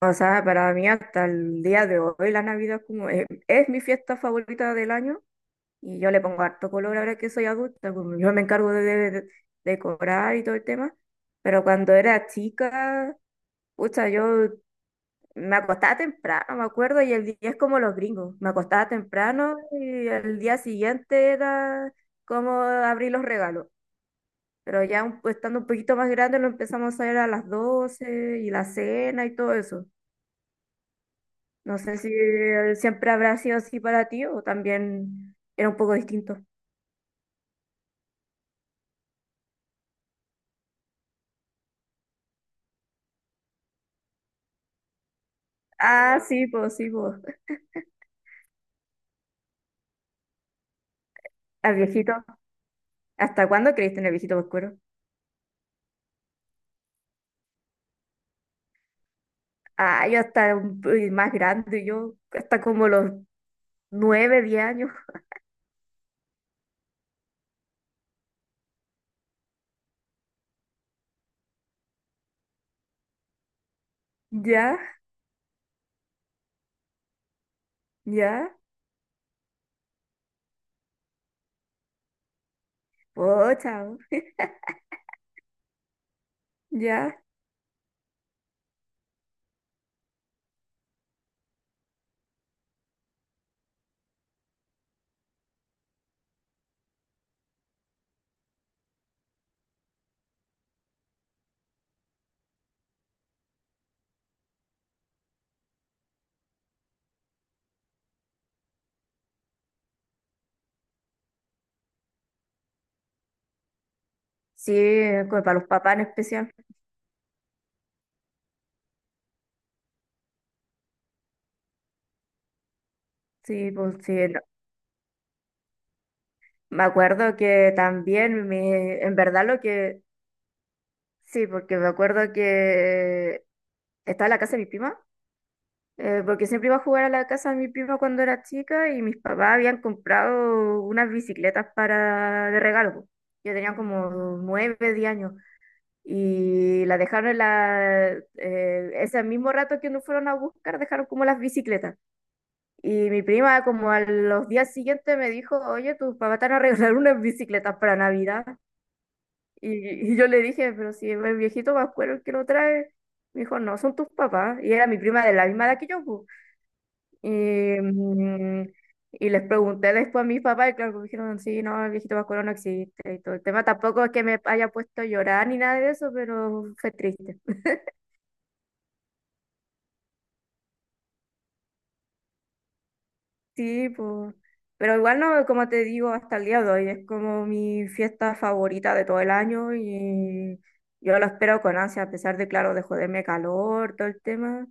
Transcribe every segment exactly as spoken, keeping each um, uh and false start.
O sea, para mí hasta el día de hoy la Navidad es como es, es mi fiesta favorita del año y yo le pongo harto color ahora que soy adulta, como yo me encargo de, de- de decorar y todo el tema, pero cuando era chica, pucha, yo me acostaba temprano, me acuerdo, y el día es como los gringos, me acostaba temprano y el día siguiente era como abrir los regalos, pero ya un- estando un poquito más grande lo empezamos a hacer a las doce y la cena y todo eso. No sé si eh, siempre habrá sido así para ti o también era un poco distinto. Ah, sí, pues sí, pues. Al viejito. ¿Hasta cuándo creíste en el viejito oscuro? Ah, yo hasta un- uy, más grande, yo hasta como los nueve, diez años. Ya, ya. Oh, chao. Ya. Sí, como para los papás en especial. Sí, pues sí, no. Me acuerdo que también, me, en verdad lo que... Sí, porque me acuerdo que estaba en la casa de mi prima eh, porque siempre iba a jugar a la casa de mi prima cuando era chica y mis papás habían comprado unas bicicletas para de regalo, po. Yo tenía como nueve, diez años y las dejaron en la, eh, ese mismo rato que nos fueron a buscar, dejaron como las bicicletas. Y mi prima como a los días siguientes me dijo, oye, tus papás te van a regalar unas bicicletas para Navidad. Y, y yo le dije, pero si es el viejito Pascuero el que lo trae, me dijo, no, son tus papás. Y era mi prima de la misma edad que yo, po. Y, mm, y les pregunté después a mis papás, y claro, pues me dijeron, sí, no, el viejito vascuero no existe y todo el tema. Tampoco es que me haya puesto a llorar ni nada de eso, pero fue triste. Sí, pues. Pero igual no, como te digo, hasta el día de hoy es como mi fiesta favorita de todo el año y yo lo espero con ansia, a pesar de, claro, de joderme calor, todo el tema.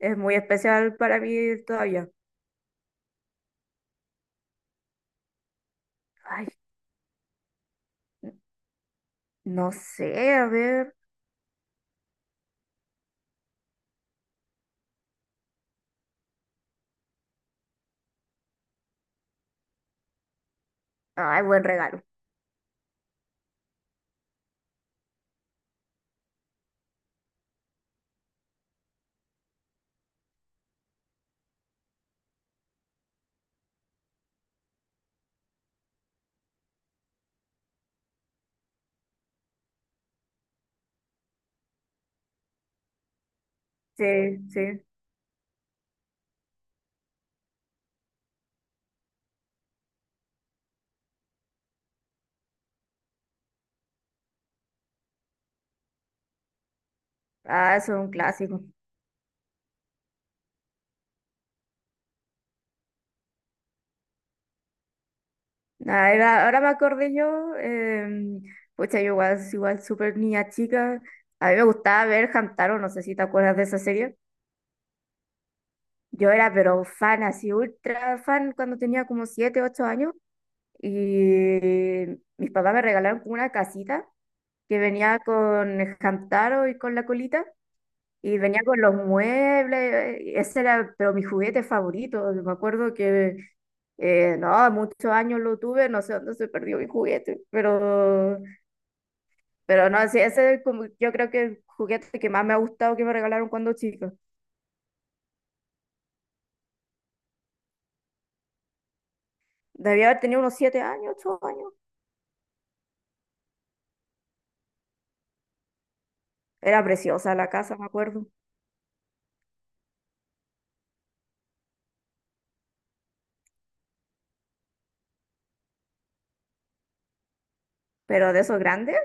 Es muy especial para mí todavía. Ay, no sé, a ver. Ay, buen regalo. Sí, sí. Ah, eso es un clásico. Ah, era- ahora me acordé yo, em, pucha, yo igual, igual súper niña chica. A mí me gustaba ver Hamtaro, no sé si te acuerdas de esa serie. Yo era pero fan, así ultra fan, cuando tenía como siete ocho años. Y mis papás me regalaron como una casita que venía con Hamtaro y con la colita. Y venía con los muebles, eh, ese era pero mi juguete favorito. Me acuerdo que, eh, no, muchos años lo tuve, no sé dónde se perdió mi juguete, pero, pero no, sí, ese es como, yo creo que el juguete que más me ha gustado que me regalaron cuando chica. Debía haber tenido unos siete años, ocho años. Era preciosa la casa, me acuerdo. Pero de esos grandes,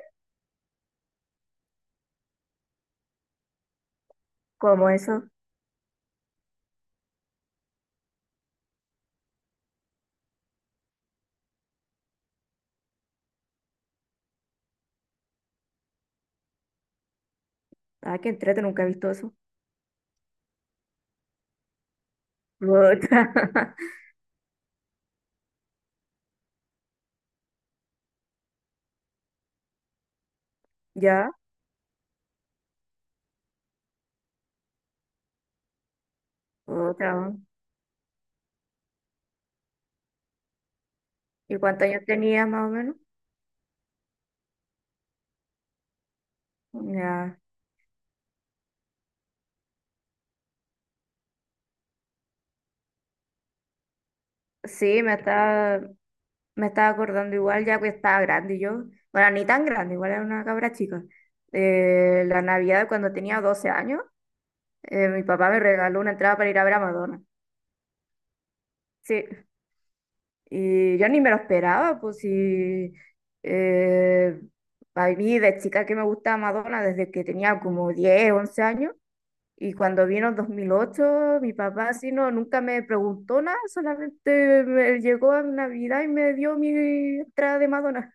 como eso. Ah, qué entrete, nunca he visto eso. Puta. Ya, otra. ¿Y cuántos años tenías más o menos? Ya. Sí, me está. Me estaba acordando igual, ya que estaba grande yo. Bueno, ni tan grande, igual era una cabra chica. Eh, la Navidad cuando tenía doce años, eh, mi papá me regaló una entrada para ir a ver a Madonna. Sí, y yo ni me lo esperaba, pues sí. Eh, a mí de chica que me gustaba Madonna desde que tenía como diez once años. Y cuando vino en dos mil ocho mi papá así no, nunca me preguntó nada, solamente me llegó a Navidad y me dio mi entrada de Madonna.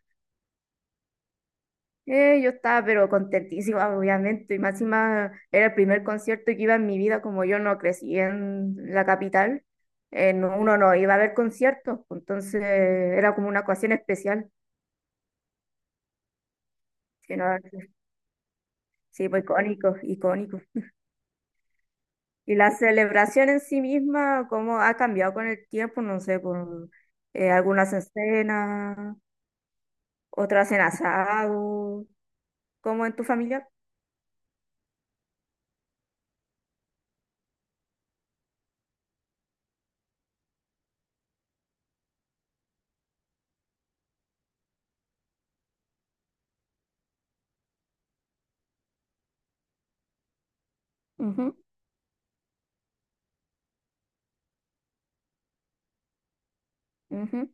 Eh, yo estaba pero contentísima, obviamente, y más encima era el primer concierto que iba en mi vida, como yo no crecí en la capital, eh, no- uno no iba a ver conciertos, pues, entonces era como una ocasión especial, que no- sí, pues icónico, icónico. Y la celebración en sí misma, cómo ha cambiado con el tiempo, no sé, por eh, algunas en cena, otras en asado, como en tu familia. Ujú, ujú,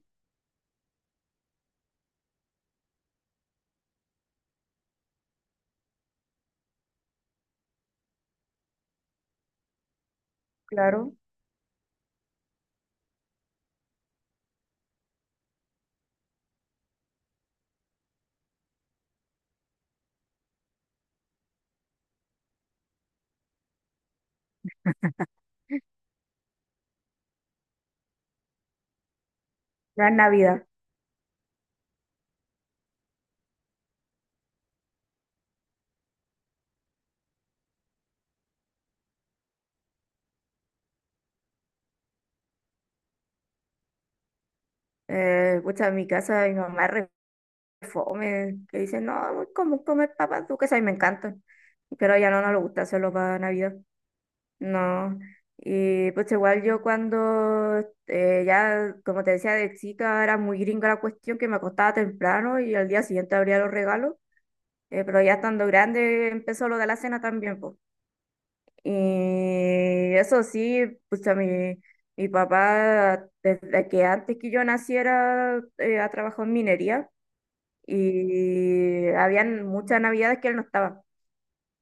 claro, la Navidad. Eh, pucha, en mi casa mi mamá re fome, que dice, no, como comer papas duques, a mí me encantan, pero ya no nos gusta hacerlo para Navidad, no. Y pues igual yo cuando eh, ya, como te decía, de chica era muy gringa la cuestión, que me acostaba temprano y al día siguiente abría los regalos, eh, pero ya estando grande empezó lo de la cena también, pues. Y eso sí, pues a mi... Mi papá, desde que antes que yo naciera, eh, ha trabajado en minería y habían muchas navidades que él no estaba.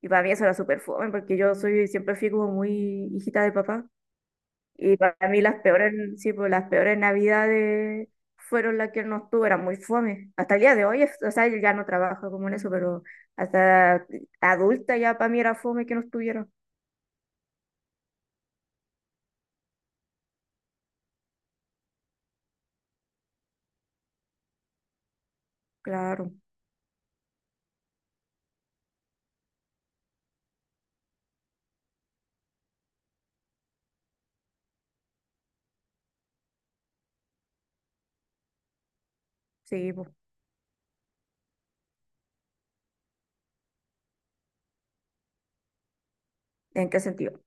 Y para mí eso era súper fome, porque yo soy, siempre fui como muy hijita de papá. Y para mí las peores, sí, pues las peores navidades fueron las que él no estuvo, era muy fome. Hasta el día de hoy, es- o sea, él ya no trabaja como en eso, pero hasta adulta ya para mí era fome que no estuviera. Claro, sí, pues. ¿En qué sentido?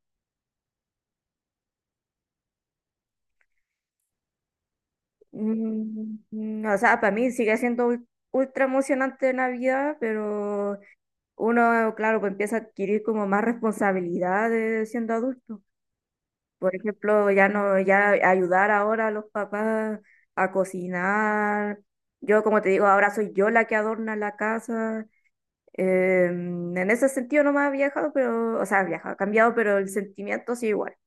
Mm, mm, o sea, para mí sigue siendo ul- ultra emocionante Navidad, pero uno, claro, pues empieza a adquirir como más responsabilidades siendo adulto. Por ejemplo, ya no, ya ayudar ahora a los papás a cocinar. Yo, como te digo, ahora soy yo la que adorna la casa. Eh, en ese sentido no me ha viajado, pero, o sea, ha viajado, ha cambiado, pero el sentimiento sí igual.